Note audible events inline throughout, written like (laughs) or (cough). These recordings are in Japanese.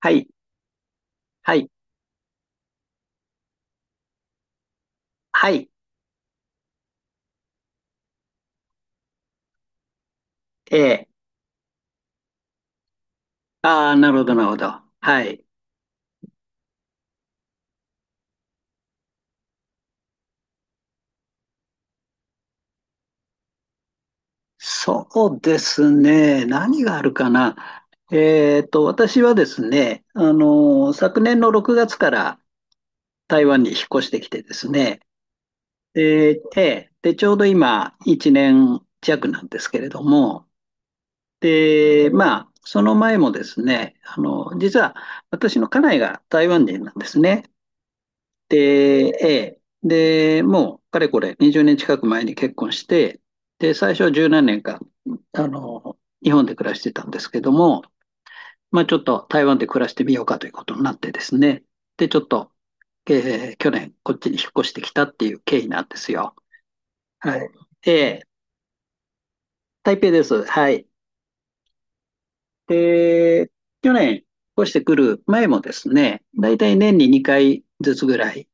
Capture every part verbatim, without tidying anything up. はい、はい、はい、ええ、ああ、なるほど、なるほど。はい。そうですね。何があるかな。えっと、私はですね、あの、昨年のろくがつから台湾に引っ越してきてですね。で、ええ、で、ちょうど今、いちねん弱なんですけれども、で、まあ、その前もですね、あの、実は私の家内が台湾人なんですね。で、えーで、もう、かれこれ、にじゅうねん近く前に結婚して、で、最初は十何年か、あの、日本で暮らしてたんですけども、まあ、ちょっと台湾で暮らしてみようかということになってですね、で、ちょっと、えー去年、こっちに引っ越してきたっていう経緯なんですよ。はい。えー台北です。はい。で、去年、越してくる前もですね、だいたい年ににかいずつぐらい、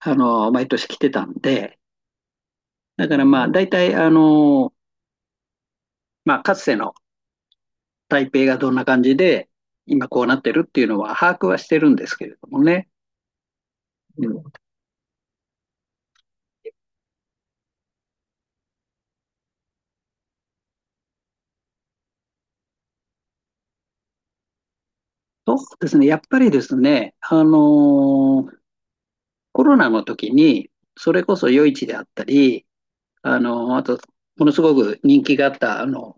あの、毎年来てたんで、だからまあ、だいたい、あの、まあ、かつての台北がどんな感じで、今こうなってるっていうのは把握はしてるんですけれどもね。うん。そうですね、やっぱりですね、あのーコロナの時に、それこそ夜市であったり、あのーあと、ものすごく人気があった、あの、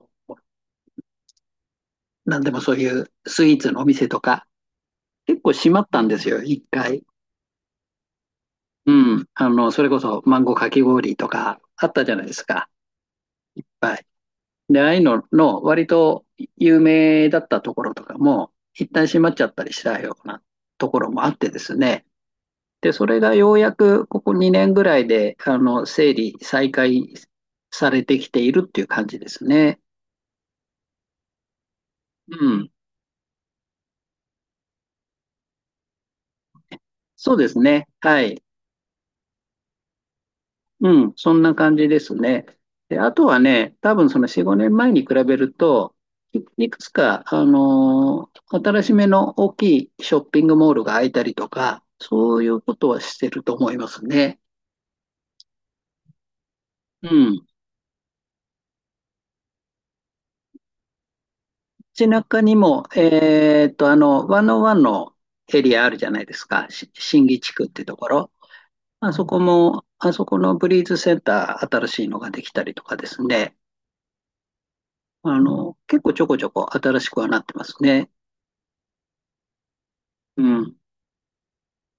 なんでもそういうスイーツのお店とか、結構閉まったんですよ、一回。うん。あの、それこそマンゴーかき氷とかあったじゃないですか、いっぱい。で、ああいうのの割と有名だったところとかも、一旦閉まっちゃったりしたようなところもあってですね。で、それがようやくここにねんぐらいで、あの、整理、再開されてきているっていう感じですね。うん。そうですね。はい。うん、そんな感じですね。で、あとはね、多分そのよん、ごねんまえに比べると、い、いくつか、あのー新しめの大きいショッピングモールが開いたりとか、そういうことはしてると思いますね。うん。街中にも、えーっと、あの、いちワンのエリアあるじゃないですか。し新木地区ってところ。まあそこも、あそこのブリーズセンター、新しいのができたりとかですね。あの、結構ちょこちょこ新しくはなってますね。うん。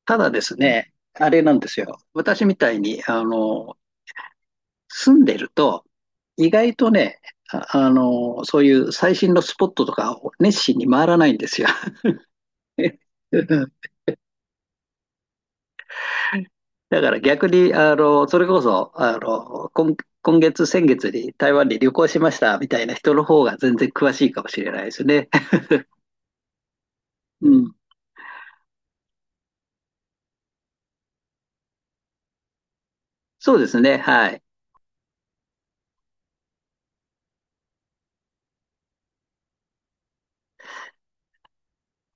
ただですね、あれなんですよ。私みたいに、あの、住んでると、意外とね、あ、あの、そういう最新のスポットとかを熱心に回らないんですよ。(laughs) だから逆に、あの、それこそ、あの、今、今月、先月に台湾に旅行しましたみたいな人の方が全然詳しいかもしれないですね。(laughs) うん。そうですね。はい。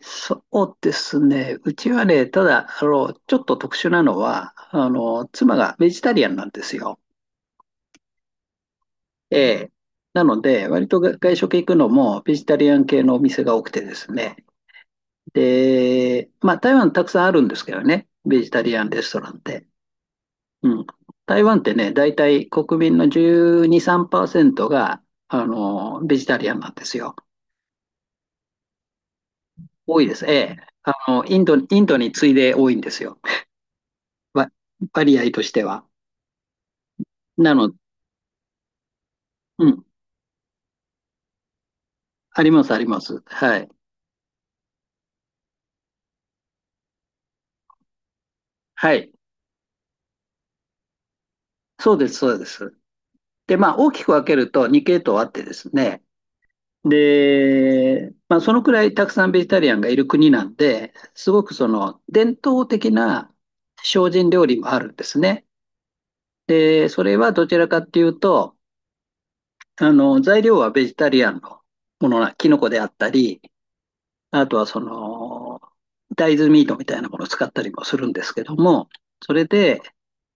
そうですね。うちはね、ただ、あの、ちょっと特殊なのは、あの、妻がベジタリアンなんですよ。ええ。なので、割と外食行くのもベジタリアン系のお店が多くてですね。で、まあ台湾たくさんあるんですけどね、ベジタリアンレストランって。うん。台湾ってね、大体国民のじゅうに、さんパーセントが、あの、ベジタリアンなんですよ。多いです。ええ。あの、インド、インドに次いで多いんですよ。わ割合としては。なの、うん。あります、あります。はい。はい。そうです、そうです。で、まあ、大きく分けるとに系統あってですね、で、まあ、そのくらいたくさんベジタリアンがいる国なんで、すごくその伝統的な精進料理もあるんですね。で、それはどちらかっていうと、あの、材料はベジタリアンのものな、キノコであったり、あとはその、大豆ミートみたいなものを使ったりもするんですけども、それで、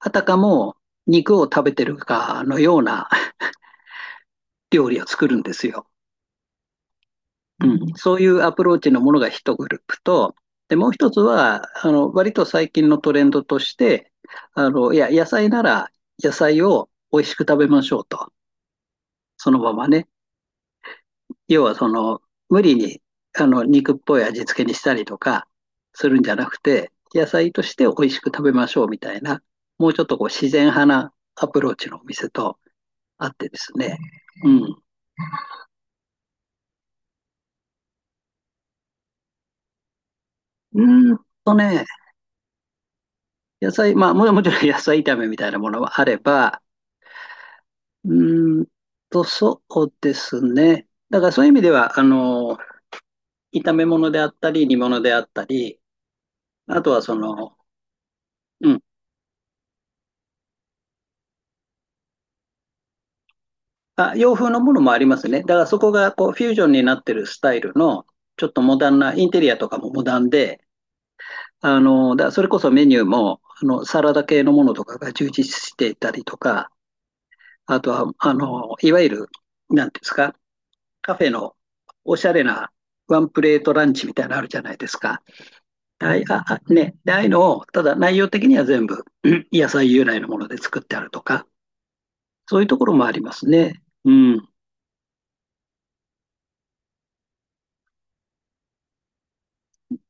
あたかも肉を食べてるかのような料理を作るんですよ。うん、そういうアプローチのものが一グループと、で、もう一つは、あの、割と最近のトレンドとして、あの、いや、野菜なら野菜を美味しく食べましょうと。そのままね。要はその、無理に、あの、肉っぽい味付けにしたりとかするんじゃなくて、野菜として美味しく食べましょうみたいな、もうちょっとこう自然派なアプローチのお店とあってですね。うん。うーんとね、野菜、まあも、もちろん野菜炒めみたいなものはあれば、うーんと、そうですね。だからそういう意味では、あの、炒め物であったり、煮物であったり、あとはその、うん、あ、洋風のものもありますね。だからそこがこうフュージョンになってるスタイルの、ちょっとモダンな、インテリアとかもモダンで、あの、だからそれこそメニューも、あの、サラダ系のものとかが充実していたりとか、あとは、あの、いわゆる、なんていうんですか、カフェのおしゃれなワンプレートランチみたいなのあるじゃないですか。はい、あ、あね。で、ああいうのを、ただ内容的には全部、(clears throat) うん野菜由来のもので作ってあるとか、そういうところもありますね。うん。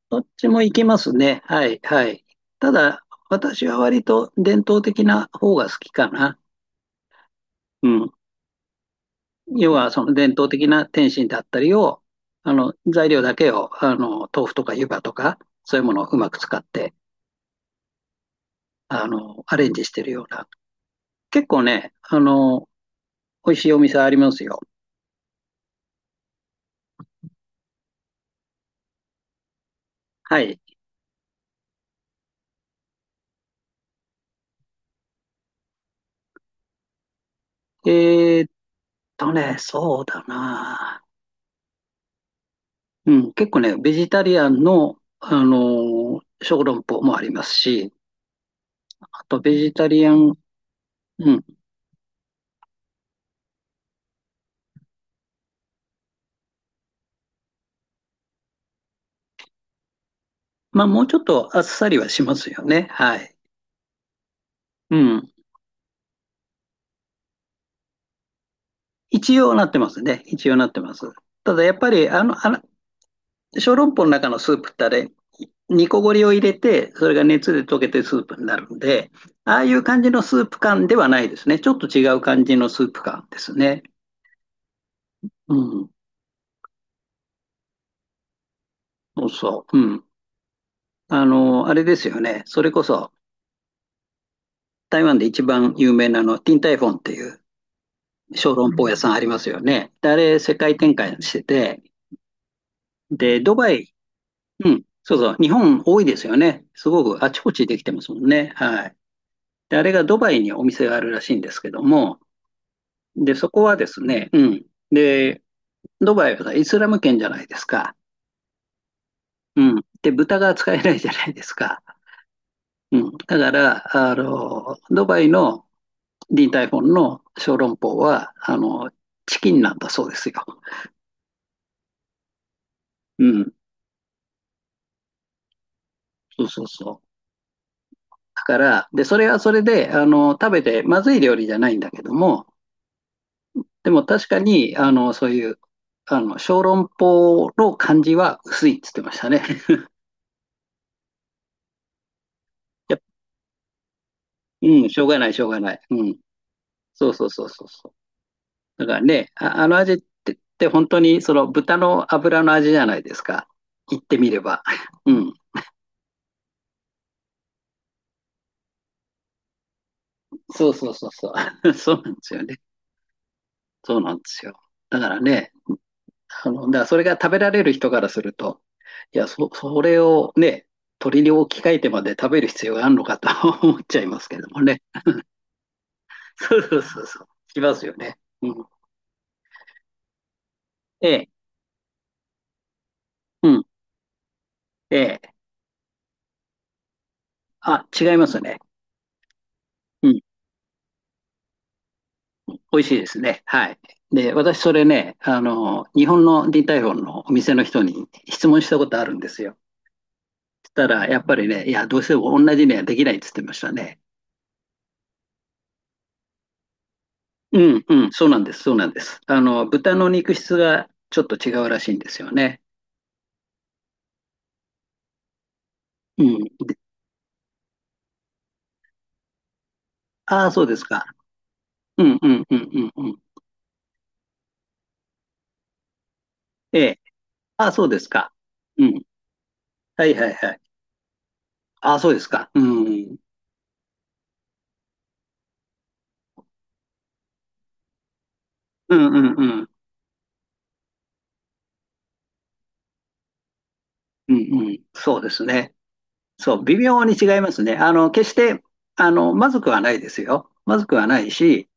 どっちもいけますね。はい、はい。ただ、私は割と伝統的な方が好きかな。うん。要は、その伝統的な点心だったりを、あの、材料だけを、あの、豆腐とか湯葉とか、そういうものをうまく使って、あの、アレンジしてるような。結構ね、あの、美味しいお店ありますよ。はい。えーとね、そうだな。うん、結構ね、ベジタリアンの、あのー小籠包もありますし、あとベジタリアン、うん。まあ、もうちょっとあっさりはしますよね。はい。うん。一応なってますね。一応なってます。ただやっぱり、あの、あの、小籠包の中のスープってあれ、煮こごりを入れて、それが熱で溶けてスープになるんで、ああいう感じのスープ感ではないですね。ちょっと違う感じのスープ感ですね。うん。そうそう。うん。あの、あれですよね。それこそ、台湾で一番有名なあの、ティンタイフォンっていう小籠包屋さんありますよね。で、あれ、世界展開してて、で、ドバイ、うん、そうそう、日本多いですよね。すごくあちこちできてますもんね。はい。で、あれがドバイにお店があるらしいんですけども、で、そこはですね、うん。で、ドバイはイスラム圏じゃないですか。うん。で、豚が使えないじゃないですか。うん。だから、あの、ドバイのリー・タイフォンの小籠包は、あの、チキンなんだそうですよ。うん。そうそうそう。だから、で、それはそれで、あの、食べてまずい料理じゃないんだけども、でも確かに、あの、そういう、あの、小籠包の感じは薄いって言ってましたね。(laughs) やっぱうん、しょうがない、しょうがない。うん。そうそうそうそうそう。だからね、あ、あの味ってって本当にその豚の油の味じゃないですか。言ってみれば。うん。そうそうそうそう。(laughs) そうなんですよね。そうなんですよ。だからね、あの、だからそれが食べられる人からすると、いや、そ、それをね、鳥に置き換えてまで食べる必要があるのかと (laughs) 思っちゃいますけどもね。(laughs) そうそうそうそう。しますよね。うん。ええ、うん。ええ。あ、違いますね。うん。美味しいですね。はい。で、私それね、あの、日本のディータイフォンのお店の人に質問したことあるんですよ。したら、やっぱりね、いや、どうしても同じにはできないって言ってましたね。うんうん、そうなんです、そうなんです。あの、豚の肉質がちょっと違うらしいんですよね。うん。で、ああ、そうですか。うんうんうんうんうん。ええ。ああ、そうですか。うん。はいはいはい。ああ、そうですか。うん。うんうんうん。うんうん。そうですね。そう、微妙に違いますね。あの、決して、あの、まずくはないですよ。まずくはないし、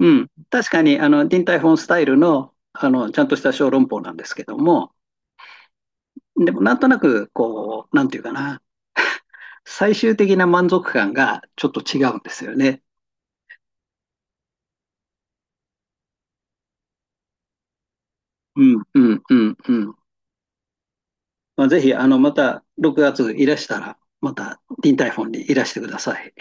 うん。確かに、あの、ディンタイフォンスタイルの、あの、ちゃんとした小籠包なんですけども、でも、なんとなく、こう、なんていうかな。最終的な満足感がちょっと違うんですよね。うん、うん、うん、うん。まあ、ぜひ、あの、またろくがついらしたら、また、リンタイフォンにいらしてください。